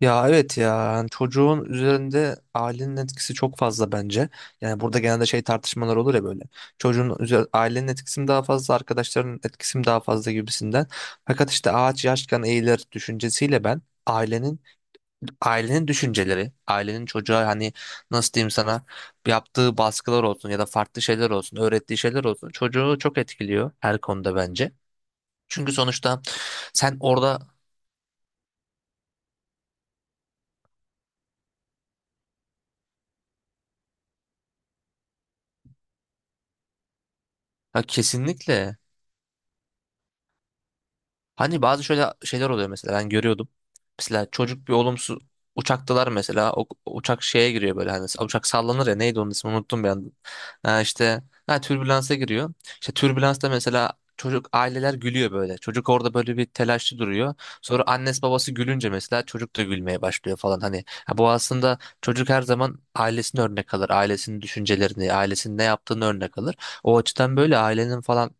Ya evet ya yani çocuğun üzerinde ailenin etkisi çok fazla bence. Yani burada genelde tartışmalar olur ya böyle. Ailenin etkisi mi daha fazla, arkadaşlarının etkisi mi daha fazla gibisinden. Fakat işte ağaç yaşken eğilir düşüncesiyle ben ailenin düşünceleri, ailenin çocuğa hani nasıl diyeyim sana yaptığı baskılar olsun ya da farklı şeyler olsun, öğrettiği şeyler olsun çocuğu çok etkiliyor her konuda bence. Çünkü sonuçta sen orada, ha, kesinlikle. Hani bazı şöyle şeyler oluyor mesela ben görüyordum. Mesela çocuk bir uçaktalar mesela, o uçak şeye giriyor böyle, hani uçak sallanır ya, neydi onun ismi, unuttum bir anda. Ha işte, ha, türbülansa giriyor. İşte türbülansta mesela çocuk, aileler gülüyor böyle. Çocuk orada böyle bir telaşlı duruyor. Sonra annesi babası gülünce mesela çocuk da gülmeye başlıyor falan hani. Ha, bu aslında, çocuk her zaman ailesini örnek alır. Ailesinin düşüncelerini, ailesinin ne yaptığını örnek alır. O açıdan böyle ailenin falan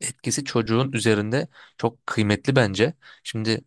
etkisi çocuğun üzerinde çok kıymetli bence. Şimdi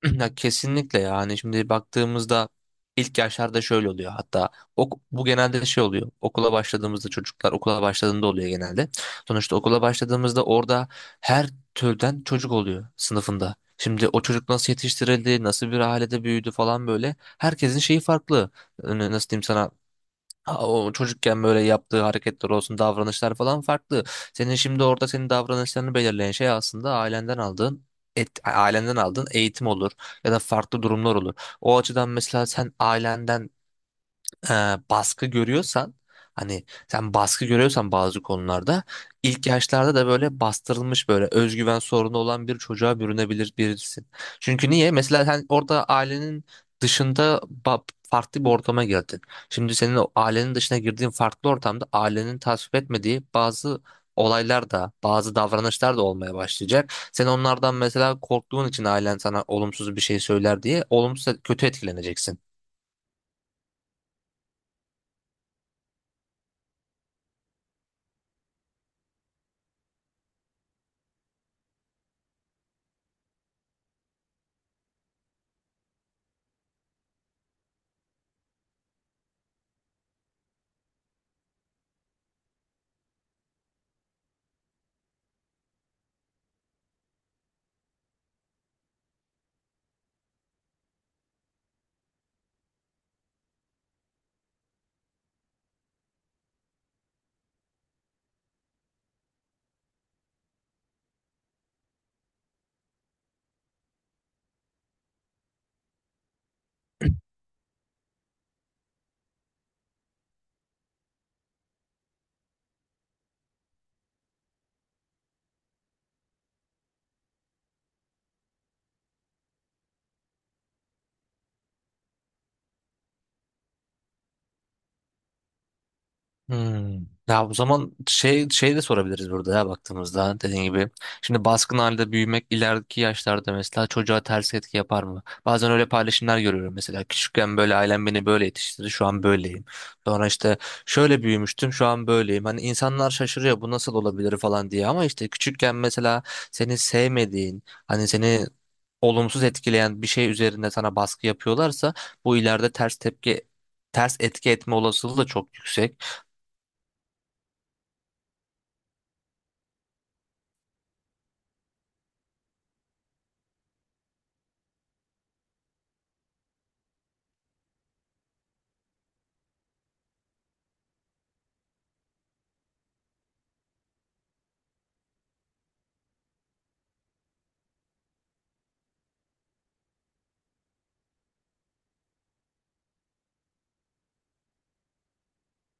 ya kesinlikle, yani şimdi baktığımızda ilk yaşlarda şöyle oluyor hatta, bu genelde oluyor, okula başladığımızda, çocuklar okula başladığında oluyor genelde. Sonuçta okula başladığımızda orada her türden çocuk oluyor sınıfında. Şimdi o çocuk nasıl yetiştirildi, nasıl bir ailede büyüdü falan böyle. Herkesin şeyi farklı. Nasıl diyeyim sana? Ha, o çocukken böyle yaptığı hareketler olsun, davranışlar falan farklı. Senin şimdi orada senin davranışlarını belirleyen şey aslında ailenden aldığın eğitim olur ya da farklı durumlar olur. O açıdan mesela sen ailenden e, baskı görüyorsan, hani sen baskı görüyorsan bazı konularda, ilk yaşlarda da böyle bastırılmış, böyle özgüven sorunu olan bir çocuğa bürünebilir birisin. Çünkü niye? Mesela sen orada ailenin dışında ba- farklı bir ortama girdin. Şimdi senin o ailenin dışına girdiğin farklı ortamda ailenin tasvip etmediği bazı olaylar da, bazı davranışlar da olmaya başlayacak. Sen onlardan mesela korktuğun için, ailen sana olumsuz bir şey söyler diye, olumsuz kötü etkileneceksin. Hmm. Ya o zaman şey de sorabiliriz burada, ya baktığımızda dediğin gibi. Şimdi baskın halde büyümek ileriki yaşlarda mesela çocuğa ters etki yapar mı? Bazen öyle paylaşımlar görüyorum mesela, küçükken böyle ailem beni böyle yetiştirdi, şu an böyleyim. Sonra işte şöyle büyümüştüm, şu an böyleyim. Hani insanlar şaşırıyor bu nasıl olabilir falan diye, ama işte küçükken mesela seni sevmediğin, hani seni olumsuz etkileyen bir şey üzerinde sana baskı yapıyorlarsa, bu ileride ters etki etme olasılığı da çok yüksek.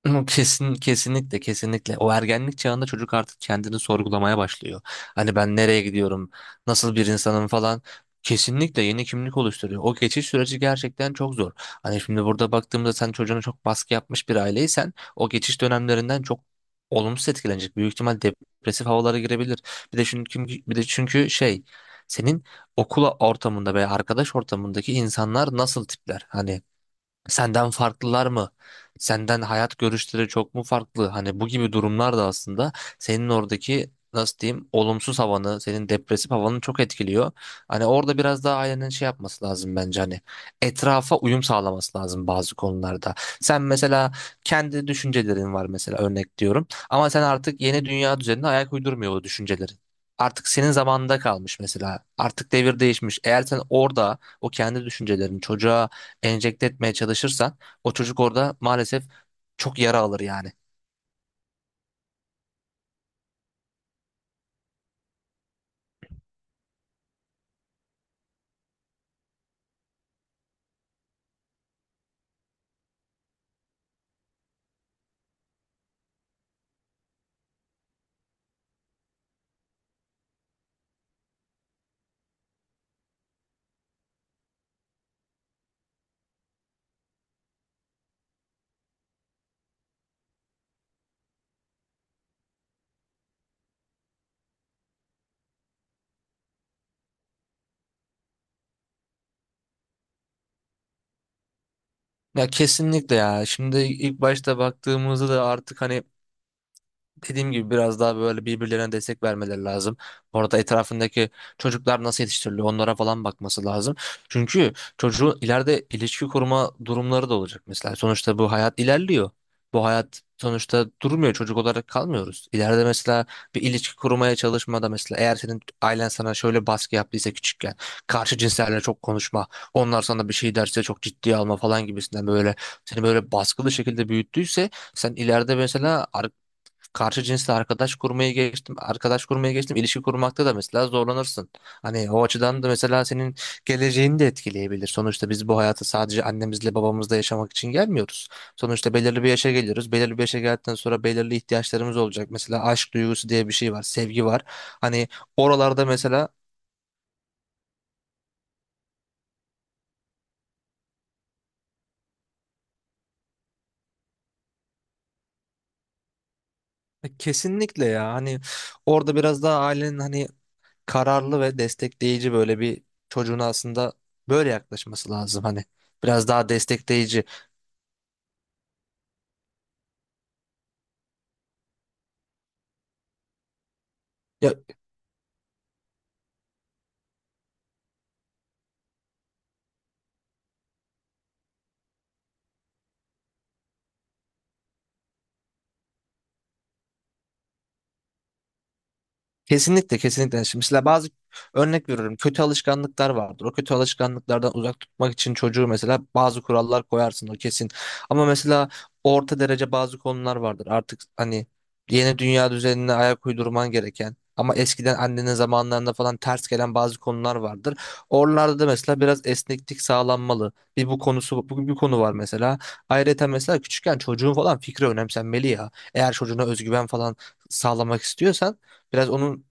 Hı, kesinlikle kesinlikle o ergenlik çağında çocuk artık kendini sorgulamaya başlıyor. Hani ben nereye gidiyorum, nasıl bir insanım falan. Kesinlikle yeni kimlik oluşturuyor. O geçiş süreci gerçekten çok zor. Hani şimdi burada baktığımda sen çocuğuna çok baskı yapmış bir aileysen, o geçiş dönemlerinden çok olumsuz etkilenecek. Büyük ihtimal depresif havalara girebilir. Bir de çünkü şey, senin okula ortamında veya arkadaş ortamındaki insanlar nasıl tipler? Hani senden farklılar mı? Senden hayat görüşleri çok mu farklı? Hani bu gibi durumlar da aslında senin oradaki, nasıl diyeyim, olumsuz havanı, senin depresif havanı çok etkiliyor. Hani orada biraz daha ailenin şey yapması lazım bence, hani etrafa uyum sağlaması lazım bazı konularda. Sen mesela kendi düşüncelerin var, mesela örnek diyorum, ama sen artık yeni dünya düzenine ayak uydurmuyor o düşüncelerin. Artık senin zamanında kalmış mesela. Artık devir değişmiş. Eğer sen orada o kendi düşüncelerini çocuğa enjekte etmeye çalışırsan, o çocuk orada maalesef çok yara alır yani. Ya kesinlikle ya. Şimdi ilk başta baktığımızda da artık, hani dediğim gibi, biraz daha böyle birbirlerine destek vermeleri lazım. Orada etrafındaki çocuklar nasıl yetiştiriliyor, onlara falan bakması lazım. Çünkü çocuğun ileride ilişki kurma durumları da olacak mesela. Sonuçta bu hayat ilerliyor. Bu hayat sonuçta durmuyor. Çocuk olarak kalmıyoruz. İleride mesela bir ilişki kurmaya çalışmada mesela, eğer senin ailen sana şöyle baskı yaptıysa küçükken, karşı cinslerle çok konuşma, onlar sana bir şey derse çok ciddiye alma falan gibisinden, böyle seni böyle baskılı şekilde büyüttüyse, sen ileride mesela karşı cinsle arkadaş kurmayı geçtim. Arkadaş kurmaya geçtim. İlişki kurmakta da mesela zorlanırsın. Hani o açıdan da mesela senin geleceğini de etkileyebilir. Sonuçta biz bu hayatı sadece annemizle babamızla yaşamak için gelmiyoruz. Sonuçta belirli bir yaşa geliyoruz. Belirli bir yaşa geldikten sonra belirli ihtiyaçlarımız olacak. Mesela aşk duygusu diye bir şey var, sevgi var. Hani oralarda mesela kesinlikle ya, hani orada biraz daha ailenin, hani kararlı ve destekleyici böyle bir, çocuğuna aslında böyle yaklaşması lazım hani. Biraz daha destekleyici. Ya kesinlikle kesinlikle. Yani şimdi mesela bazı, örnek veriyorum, kötü alışkanlıklar vardır. O kötü alışkanlıklardan uzak tutmak için çocuğu mesela bazı kurallar koyarsın, o kesin. Ama mesela orta derece bazı konular vardır. Artık hani yeni dünya düzenine ayak uydurman gereken ama eskiden annenin zamanlarında falan ters gelen bazı konular vardır. Oralarda da mesela biraz esneklik sağlanmalı. Bir konu var mesela. Ayrıca mesela küçükken çocuğun falan fikri önemsenmeli ya. Eğer çocuğuna özgüven falan sağlamak istiyorsan, biraz onun,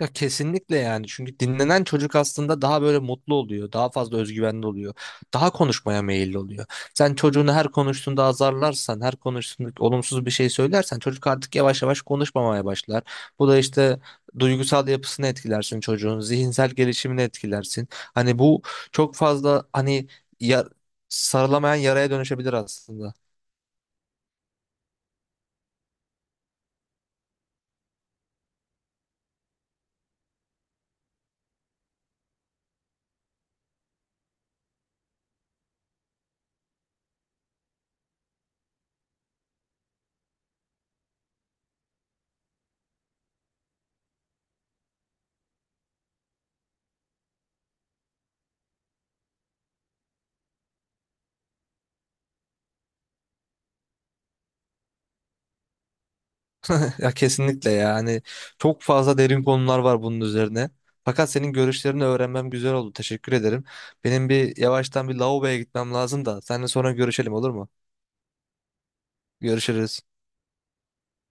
ya kesinlikle yani, çünkü dinlenen çocuk aslında daha böyle mutlu oluyor. Daha fazla özgüvenli oluyor. Daha konuşmaya meyilli oluyor. Sen çocuğunu her konuştuğunda azarlarsan, her konuştuğunda olumsuz bir şey söylersen, çocuk artık yavaş yavaş konuşmamaya başlar. Bu da işte duygusal yapısını etkilersin çocuğun, zihinsel gelişimini etkilersin. Hani bu çok fazla, ya- sarılamayan yaraya dönüşebilir aslında. Ya kesinlikle ya. Hani çok fazla derin konular var bunun üzerine. Fakat senin görüşlerini öğrenmem güzel oldu. Teşekkür ederim. Benim bir yavaştan bir lavaboya gitmem lazım da. Seninle sonra görüşelim, olur mu? Görüşürüz.